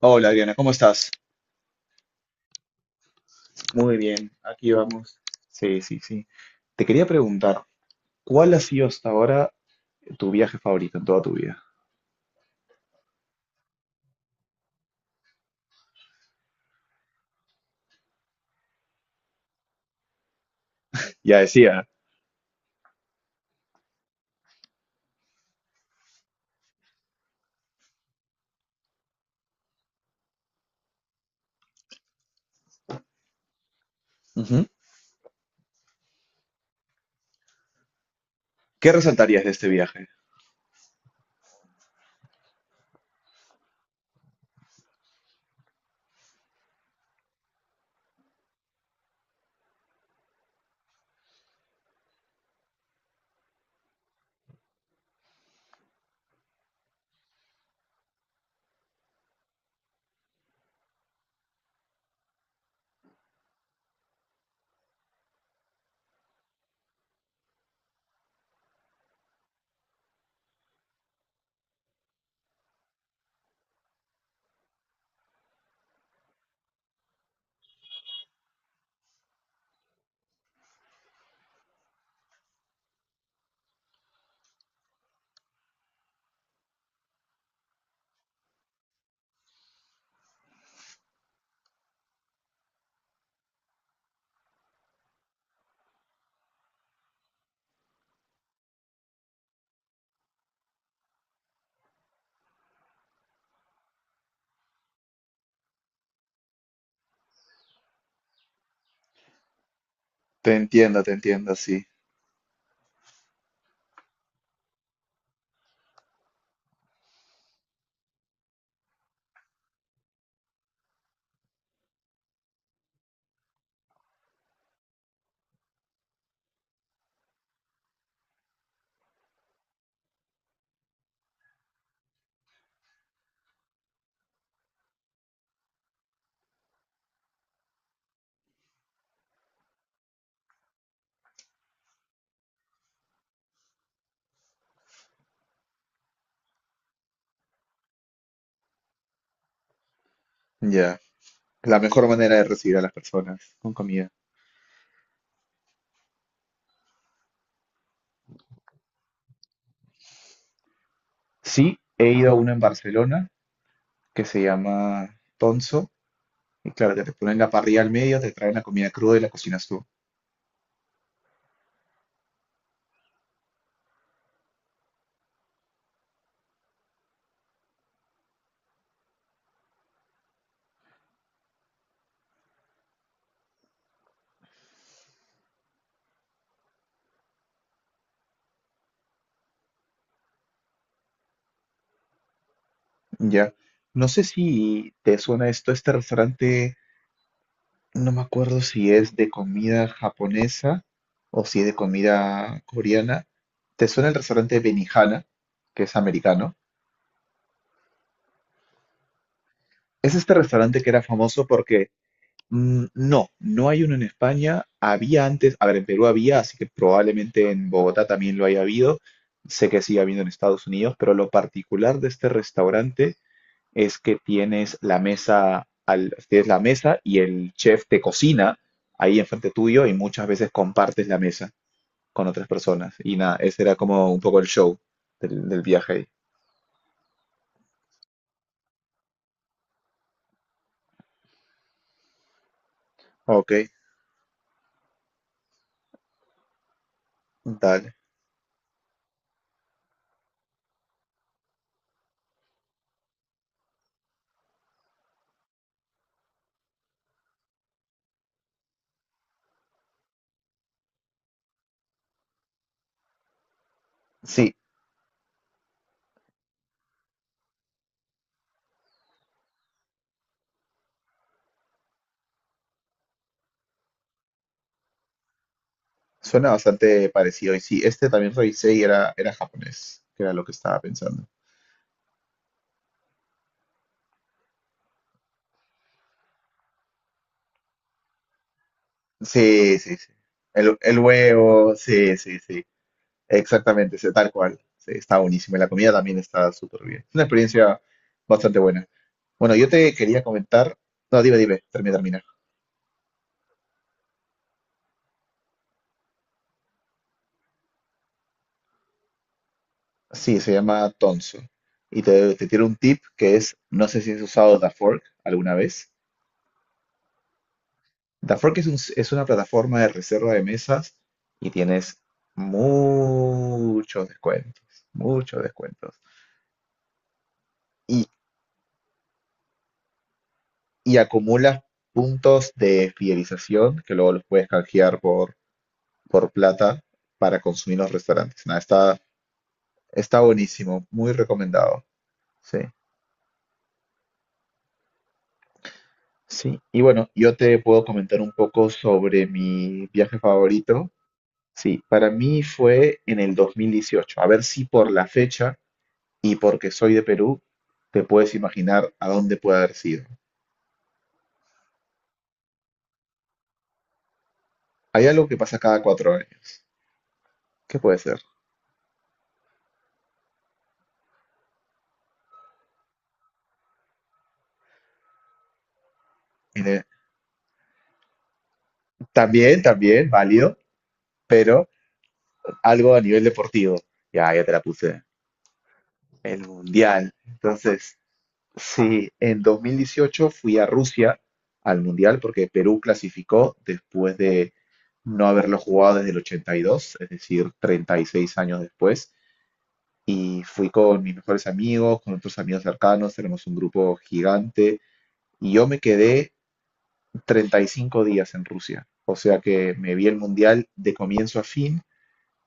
Hola Adriana, ¿cómo estás? Muy bien, aquí vamos. Sí, sí, sí. Te quería preguntar, ¿cuál ha sido hasta ahora tu viaje favorito en toda tu vida? Ya decía. Ujú. ¿Qué resaltarías de este viaje? Te entiendo, sí. Ya. La mejor manera de recibir a las personas con comida. Sí, he ido a uno en Barcelona que se llama Tonso. Y claro, que te ponen la parrilla al medio, te traen la comida cruda y la cocinas tú. Ya. No sé si te suena esto, este restaurante. No me acuerdo si es de comida japonesa o si es de comida coreana. ¿Te suena el restaurante Benihana, que es americano? Es este restaurante que era famoso porque no, no hay uno en España. Había antes, a ver, en Perú había, así que probablemente en Bogotá también lo haya habido. Sé que sigue habiendo en Estados Unidos, pero lo particular de este restaurante es que tienes la mesa, tienes la mesa y el chef te cocina ahí enfrente tuyo y muchas veces compartes la mesa con otras personas. Y nada, ese era como un poco el show del viaje ahí. Ok, dale. Sí, suena bastante parecido. Y sí, este también revisé y era japonés, que era lo que estaba pensando. Sí, sí, sí. El huevo, sí, sí, sí. Exactamente, sí, tal cual. Sí, está buenísimo. Y la comida también está súper bien. Es una experiencia bastante buena. Bueno, yo te quería comentar. No, dime, dime, termina, termina. Sí, se llama Tonso. Y te tiro un tip que es, no sé si has usado DaFork alguna vez. DaFork es una plataforma de reserva de mesas y tienes muchos descuentos, muchos descuentos. Y, y acumulas puntos de fidelización que luego los puedes canjear por, plata para consumir en los restaurantes. Nada, está buenísimo, muy recomendado. Sí. Sí, y bueno, yo te puedo comentar un poco sobre mi viaje favorito, sí, para mí fue en el 2018. A ver si por la fecha y porque soy de Perú, te puedes imaginar a dónde puede haber sido. Hay algo que pasa cada 4 años. ¿Qué puede ser? En el- También, también, válido, pero algo a nivel deportivo. Ya, ya te la puse. El Mundial. Entonces, sí, en 2018 fui a Rusia al Mundial porque Perú clasificó después de no haberlo jugado desde el 82, es decir, 36 años después. Y fui con mis mejores amigos, con otros amigos cercanos, tenemos un grupo gigante y yo me quedé 35 días en Rusia. O sea que me vi el mundial de comienzo a fin,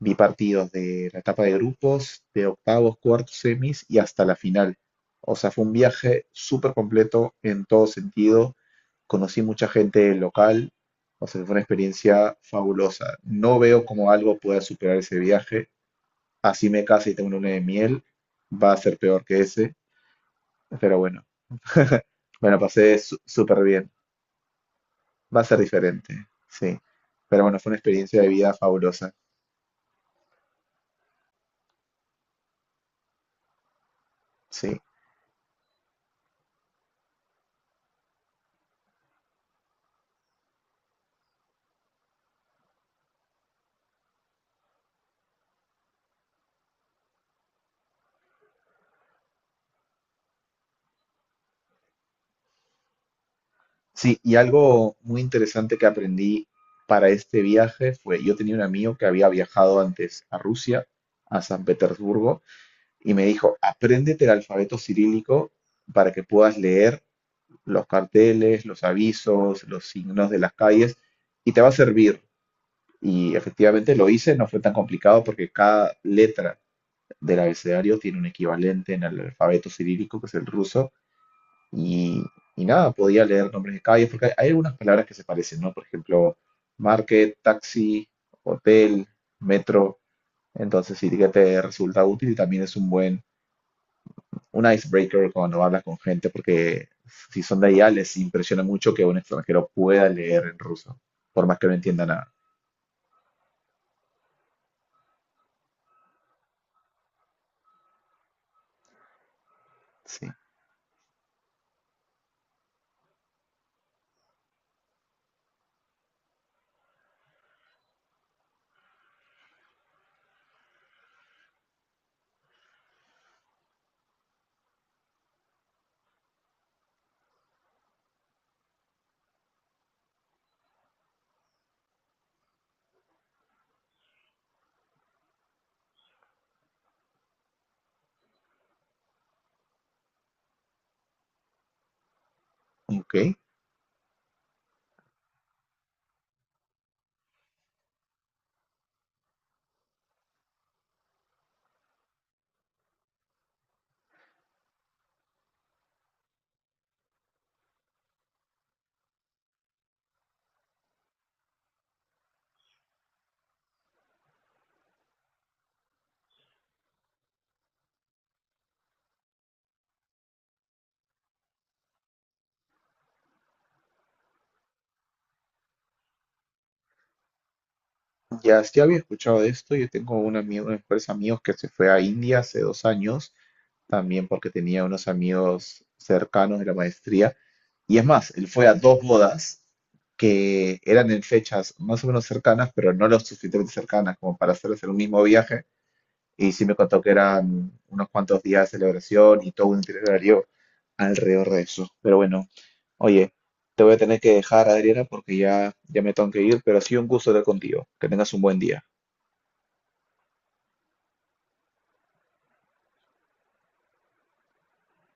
vi partidos de la etapa de grupos, de octavos, cuartos, semis y hasta la final. O sea, fue un viaje súper completo en todo sentido. Conocí mucha gente local, o sea, fue una experiencia fabulosa. No veo cómo algo pueda superar ese viaje. Así me case y tengo una luna de miel, va a ser peor que ese, pero bueno, Bueno, pasé súper bien. Va a ser diferente, sí. Pero bueno, fue una experiencia de vida fabulosa, sí. Sí, y algo muy interesante que aprendí para este viaje fue, yo tenía un amigo que había viajado antes a Rusia, a San Petersburgo, y me dijo, apréndete el alfabeto cirílico para que puedas leer los carteles, los avisos, los signos de las calles, y te va a servir. Y efectivamente lo hice, no fue tan complicado porque cada letra del abecedario tiene un equivalente en el alfabeto cirílico, que es el ruso, y, y, nada, podía leer nombres de calles, porque hay algunas palabras que se parecen, ¿no? Por ejemplo, market, taxi, hotel, metro. Entonces sí que te resulta útil y también es un icebreaker cuando hablas con gente, porque si son de allá les impresiona mucho que un extranjero pueda leer en ruso, por más que no entienda nada. Sí. Ok. Ya, sí había escuchado de esto. Yo tengo unos mejores amigos que se fue a India hace 2 años, también porque tenía unos amigos cercanos de la maestría. Y es más, él fue a dos bodas que eran en fechas más o menos cercanas, pero no lo suficientemente cercanas como para hacer un mismo viaje. Y sí me contó que eran unos cuantos días de celebración y todo un itinerario alrededor de eso. Pero bueno, oye, te voy a tener que dejar, Adriana, porque ya, ya me tengo que ir, pero ha sido un gusto estar contigo. Que tengas un buen día.